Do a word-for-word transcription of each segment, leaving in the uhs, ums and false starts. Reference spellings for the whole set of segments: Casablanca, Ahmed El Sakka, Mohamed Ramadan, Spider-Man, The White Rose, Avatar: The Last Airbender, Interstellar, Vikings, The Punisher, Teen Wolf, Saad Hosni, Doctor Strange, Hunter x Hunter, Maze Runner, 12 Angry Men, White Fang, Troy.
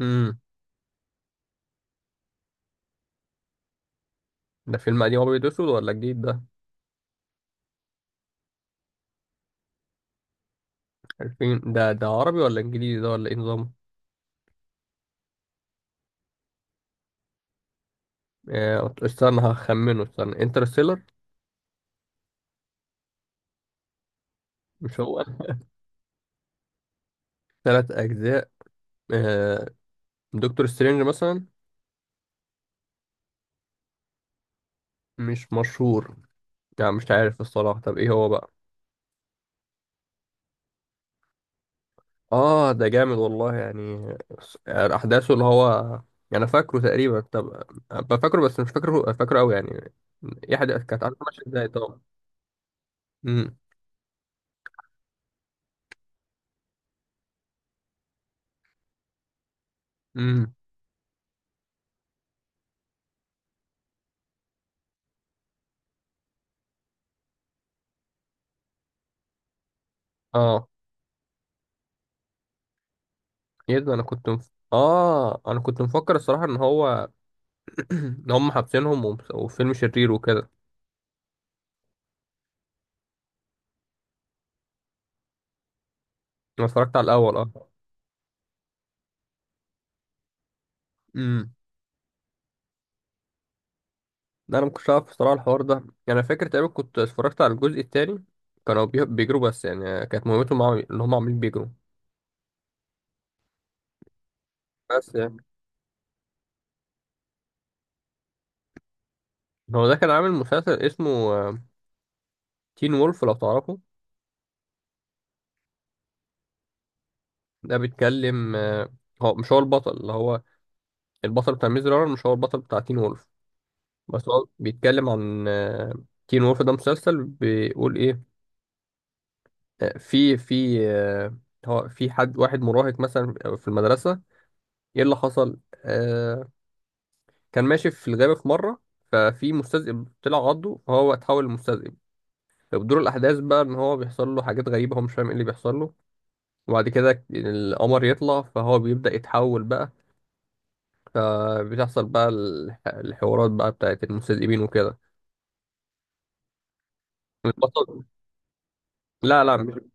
امم. ده فيلم قديم ابيض واسود ولا جديد ده؟ عارفين ده ده عربي ولا انجليزي ده ولا ايه نظامه؟ آه، استنى هخمنه، استنى انترستيلر. مش هو. ثلاث اجزاء. آه، دكتور سترينج مثلا. مش مشهور. يعني مش عارف الصراحه، طب ايه هو بقى؟ اه، ده جامد والله يعني. س- يعني احداثه اللي هو، يعني انا فاكره تقريبا. طب أبقى فاكره، بس مش فاكره فاكره قوي يعني. ايه حد كانت عارفه ماشيه ازاي طبعا. امم. امم. اه. ايه ده، انا كنت مف... اه انا كنت مفكر الصراحه ان هو ان هم حابسينهم، ومس- وفيلم شرير وكده. انا اتفرجت على الاول، اه. امم. لا، انا ما كنتش عارف الصراحه الحوار ده، يعني انا فاكر تقريبا كنت اتفرجت على الجزء الثاني. كانوا بي- بيجروا، بس يعني آه، كانت مهمتهم مع... ان هم عاملين بيجروا. بس يعني هو ده كان عامل مسلسل اسمه آه، تين وولف، لو تعرفه. ده بيتكلم آه، هو مش هو البطل، اللي هو البطل بتاع ميز رانر مش هو البطل بتاع تين وولف. بس هو بيتكلم عن آه، تين وولف. ده مسلسل بيقول ايه، في في آه، هو في حد واحد مراهق مثلا في المدرسة. ايه اللي حصل، آه، كان ماشي في الغابة في مرة، ففي مستذئب طلع عضه فهو اتحول لمستذئب. فبدور الأحداث بقى إن هو بيحصل له حاجات غريبة، هو مش فاهم ايه اللي بيحصل له. وبعد كده القمر يطلع فهو بيبدأ يتحول بقى. فبتحصل بقى الح- الحوارات بقى بتاعت المستذئبين وكده. البطل. لا لا، مش-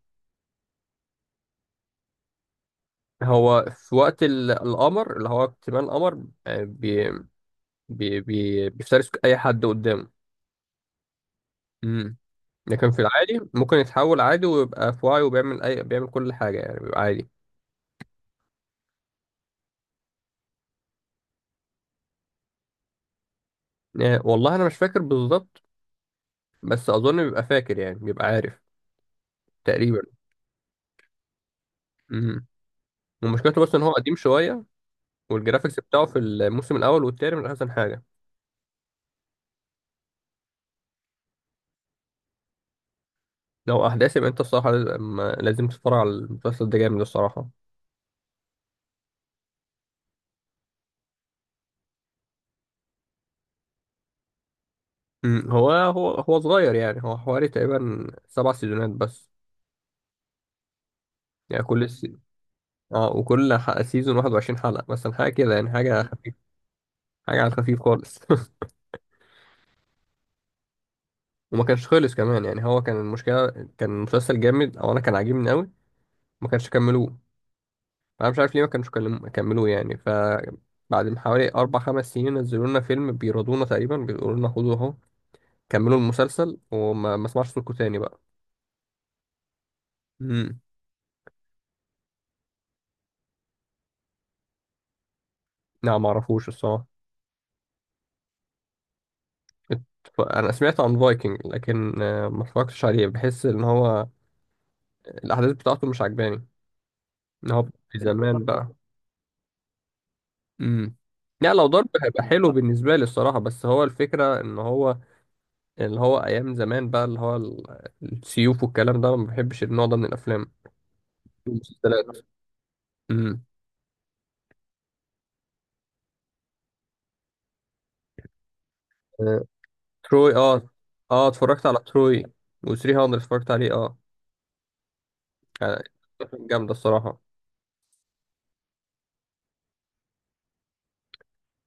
هو في وقت ال- القمر، اللي هو اكتمال القمر، آه، بي بي بي بيفترس أي حد قدامه. امم. لكن في العادي ممكن يتحول عادي ويبقى في وعي، وبيعمل اي بيعمل كل حاجه يعني، بيبقى عادي. يعني والله انا مش فاكر بالظبط، بس اظن بيبقى فاكر يعني بيبقى عارف تقريبا. امم. ومشكلته بس ان هو قديم شويه. والجرافيكس بتاعه في الموسم الاول والتاني من احسن حاجه. لو احداث، يبقى انت الصراحه لازم لازم تتفرج على المسلسل ده، جامد الصراحه. امم هو هو هو صغير يعني، هو حوالي تقريبا سبع سيزونات بس. يعني كل سي... اه، وكل ح- سيزون واحد وعشرين حلقة حلقه مثلا، حاجه كده يعني، حاجه خفيفه. حاجه على الخفيف خالص. وما كانش خلص كمان، يعني هو كان المشكله كان مسلسل جامد، او انا كان عاجبني قوي، ما كانش كملوه. انا مش عارف ليه ما كانش كلم- كملوه يعني. ف بعد ما حوالي اربع خمس سنين نزلوا لنا فيلم بيرضونا تقريبا، بيقولوا لنا خدوا اهو، كملوا المسلسل وما ما اسمعش صوتكم تاني بقى. امم. لا ما اعرفوش الصراحه. ات- ف- انا سمعت عن فايكنج، لكن آه، ما اتفرجتش عليه، بحس ان هو الاحداث بتاعته مش عجباني، ان هو في زمان بقى. امم. لا لو ضرب هيبقى حلو بالنسبه لي الصراحه، بس هو الفكره ان هو اللي هو ايام زمان بقى اللي هو ال- السيوف والكلام ده، أنا ما بحبش النوع ده من الافلام، المسلسلات. امم. آه، تروي، اه. اه، اتفرجت على تروي. و300 اتفرجت عليه، اه. يعني كانت جامده الصراحه.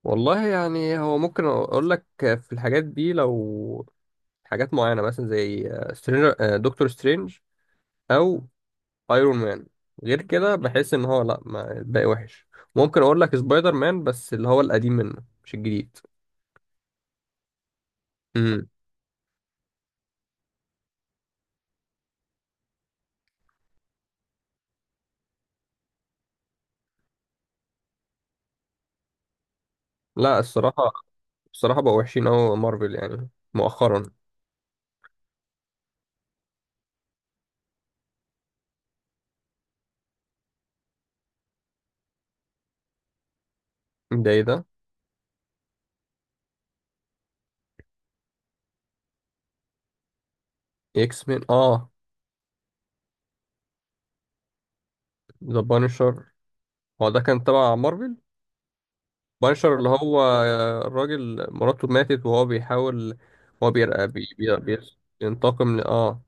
والله يعني هو ممكن اقول لك في الحاجات دي، لو حاجات معينه مثلا زي سترينجر، آه، دكتور سترينج، او ايرون مان. غير كده بحس ان هو لا، ما الباقي وحش. ممكن اقول لك سبايدر مان، بس اللي هو القديم منه مش الجديد. امم. لا الصراحه، بصراحة بقوا وحشين أوي مارفل يعني مؤخرا. ده إيه ده؟ إكس مان، آه. ذا بانشر. هو ده كان تبع مارفل؟ بانشر اللي هو آه، الراجل مراته ماتت وهو بيحاول هو بير... بي... بي... بي... بينتقم. ل... آه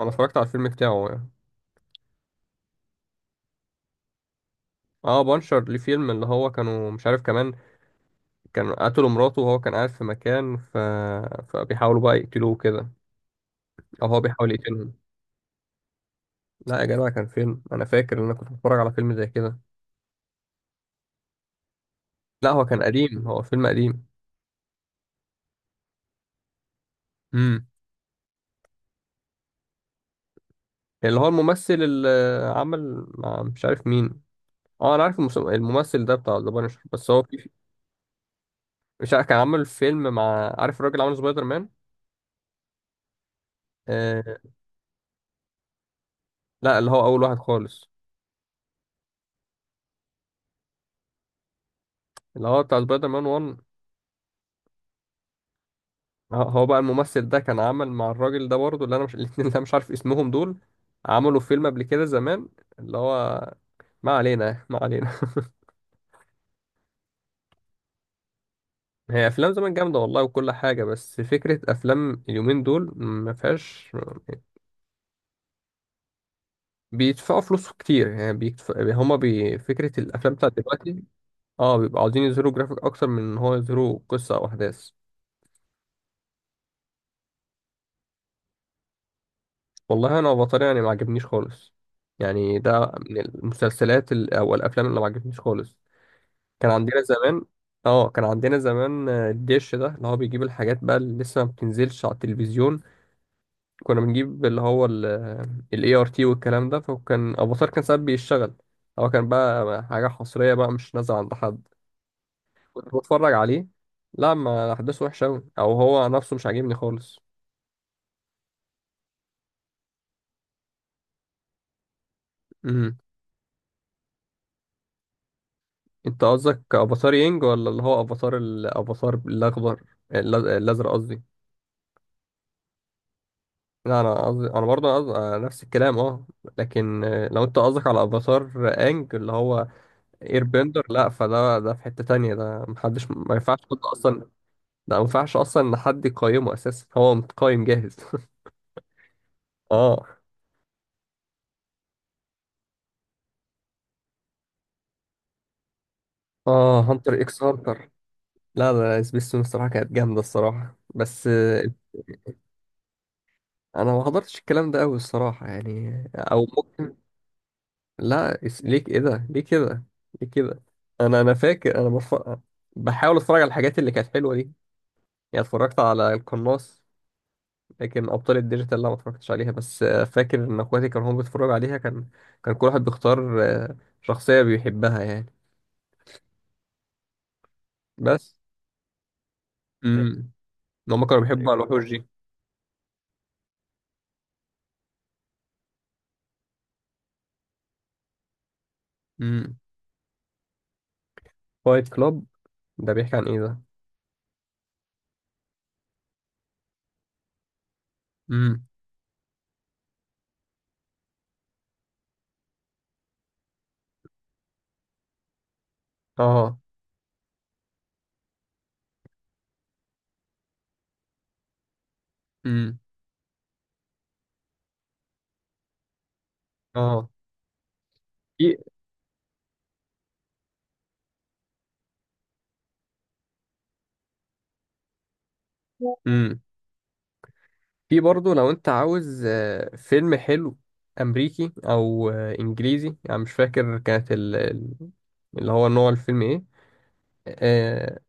أنا اتفرجت على الفيلم بتاعه يعني. آه، بانشر ليه فيلم، اللي هو كانوا مش عارف كمان كان قتلوا مراته، وهو كان قاعد في مكان. ف... فبيحاولوا بقى يقتلوه كده، أو هو بيحاول يقتلهم. لا يا جدع، كان فيلم، أنا فاكر إن أنا كنت بتفرج على فيلم زي كده. لا هو كان قديم، هو فيلم قديم. امم. اللي هو الممثل اللي عمل مع مش عارف مين. اه، انا عارف المس- الممثل ده بتاع ذا بانشر، بس هو في- مش عارف كان عامل فيلم مع، عارف الراجل اللي عمل سبايدر مان. آه لا، اللي هو اول واحد خالص، اللي هو بتاع سبايدر مان واحد. هو هو بقى الممثل ده كان عامل مع الراجل ده برضه، اللي انا مش الاتنين اللي انا مش عارف اسمهم دول عملوا فيلم قبل كده زمان، اللي هو، ما علينا ما علينا. هي افلام زمان جامده والله وكل حاجه، بس فكره افلام اليومين دول ما فيهاش، بيدفعوا فلوس كتير يعني، بيكتف... هما بي... فكرة الأفلام بتاعت دلوقتي، اه، بيبقوا عاوزين يظهروا جرافيك أكتر من إن هو يظهروا قصة أو أحداث. والله أنا أفاتار يعني ما عجبنيش خالص، يعني ده من المسلسلات ال... أو الأفلام اللي ما عجبتنيش خالص. كان عندنا زمان. اه، كان عندنا زمان آه، الدش ده اللي هو بيجيب الحاجات بقى اللي لسه ما بتنزلش على التلفزيون، كنا بنجيب اللي هو ال اي ار تي والكلام ده، فكان افاتار كان ساعات بيشتغل. هو كان بقى حاجة حصرية بقى مش نازلة عند حد، كنت بتفرج عليه. لا ما احداثه وحشه قوي، او هو نفسه مش عاجبني خالص. امم. انت قصدك افاتار ينج، ولا اللي هو افاتار الافاتار الاخضر، ال- الازرق قصدي؟ لا انا قصدي انا برضه قصدي آه، نفس الكلام، اه. لكن آه، لو انت قصدك على افاتار انج اللي هو اير بندر، لا فده ده في حتة تانية، ده محدش ما ينفعش حد اصلا، ده ما ينفعش اصلا ان حد يقيمه، اساسا هو متقيم جاهز. اه. اه، هانتر اكس هانتر. لا لا لا، سبيستون الصراحة كانت جامدة الصراحة، بس آه، أنا ما حضرتش الكلام ده أوي الصراحة يعني، أو ممكن. لا، اس- ليه كده ليه كده ليه كده. أنا أنا فاكر، أنا بف... بحاول أتفرج على الحاجات اللي كانت حلوة دي. يعني اتفرجت على القناص، لكن أبطال الديجيتال لا ما اتفرجتش عليها، بس آه، فاكر إن إخواتي كانوا هم بيتفرجوا عليها. كان كان كل واحد بيختار آه، شخصية بيحبها يعني. بس. امم. هم كانوا بيحبوا على الوحوش دي. امم. فايت كلاب. ده بيحكي عن إيه ده؟ امم. اه. امم. اه. في. امم. في برضه لو انت عاوز آه، فيلم حلو امريكي، او آه، انجليزي يعني، مش فاكر كانت ال... ال- اللي هو نوع الفيلم ايه. آه،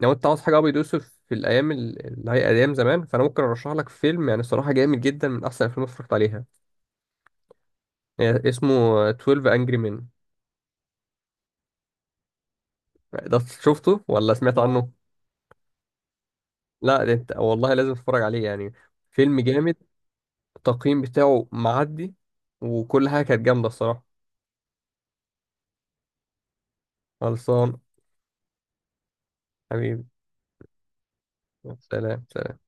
لو انت عاوز حاجه ابيض واسود، في الايام ال- اللي هي ايام زمان، فانا ممكن ارشح لك فيلم يعني الصراحه جامد جدا، من احسن الافلام اللي اتفرجت عليها. آه، اسمه آه، اتناشر انجري مان انجري مان. ده شفته ولا سمعت عنه؟ لا ده انت والله لازم تتفرج عليه يعني، فيلم جامد. التقييم بتاعه معدي، وكل حاجه كانت جامده الصراحه. خلصان. حبيبي. سلام. سلام.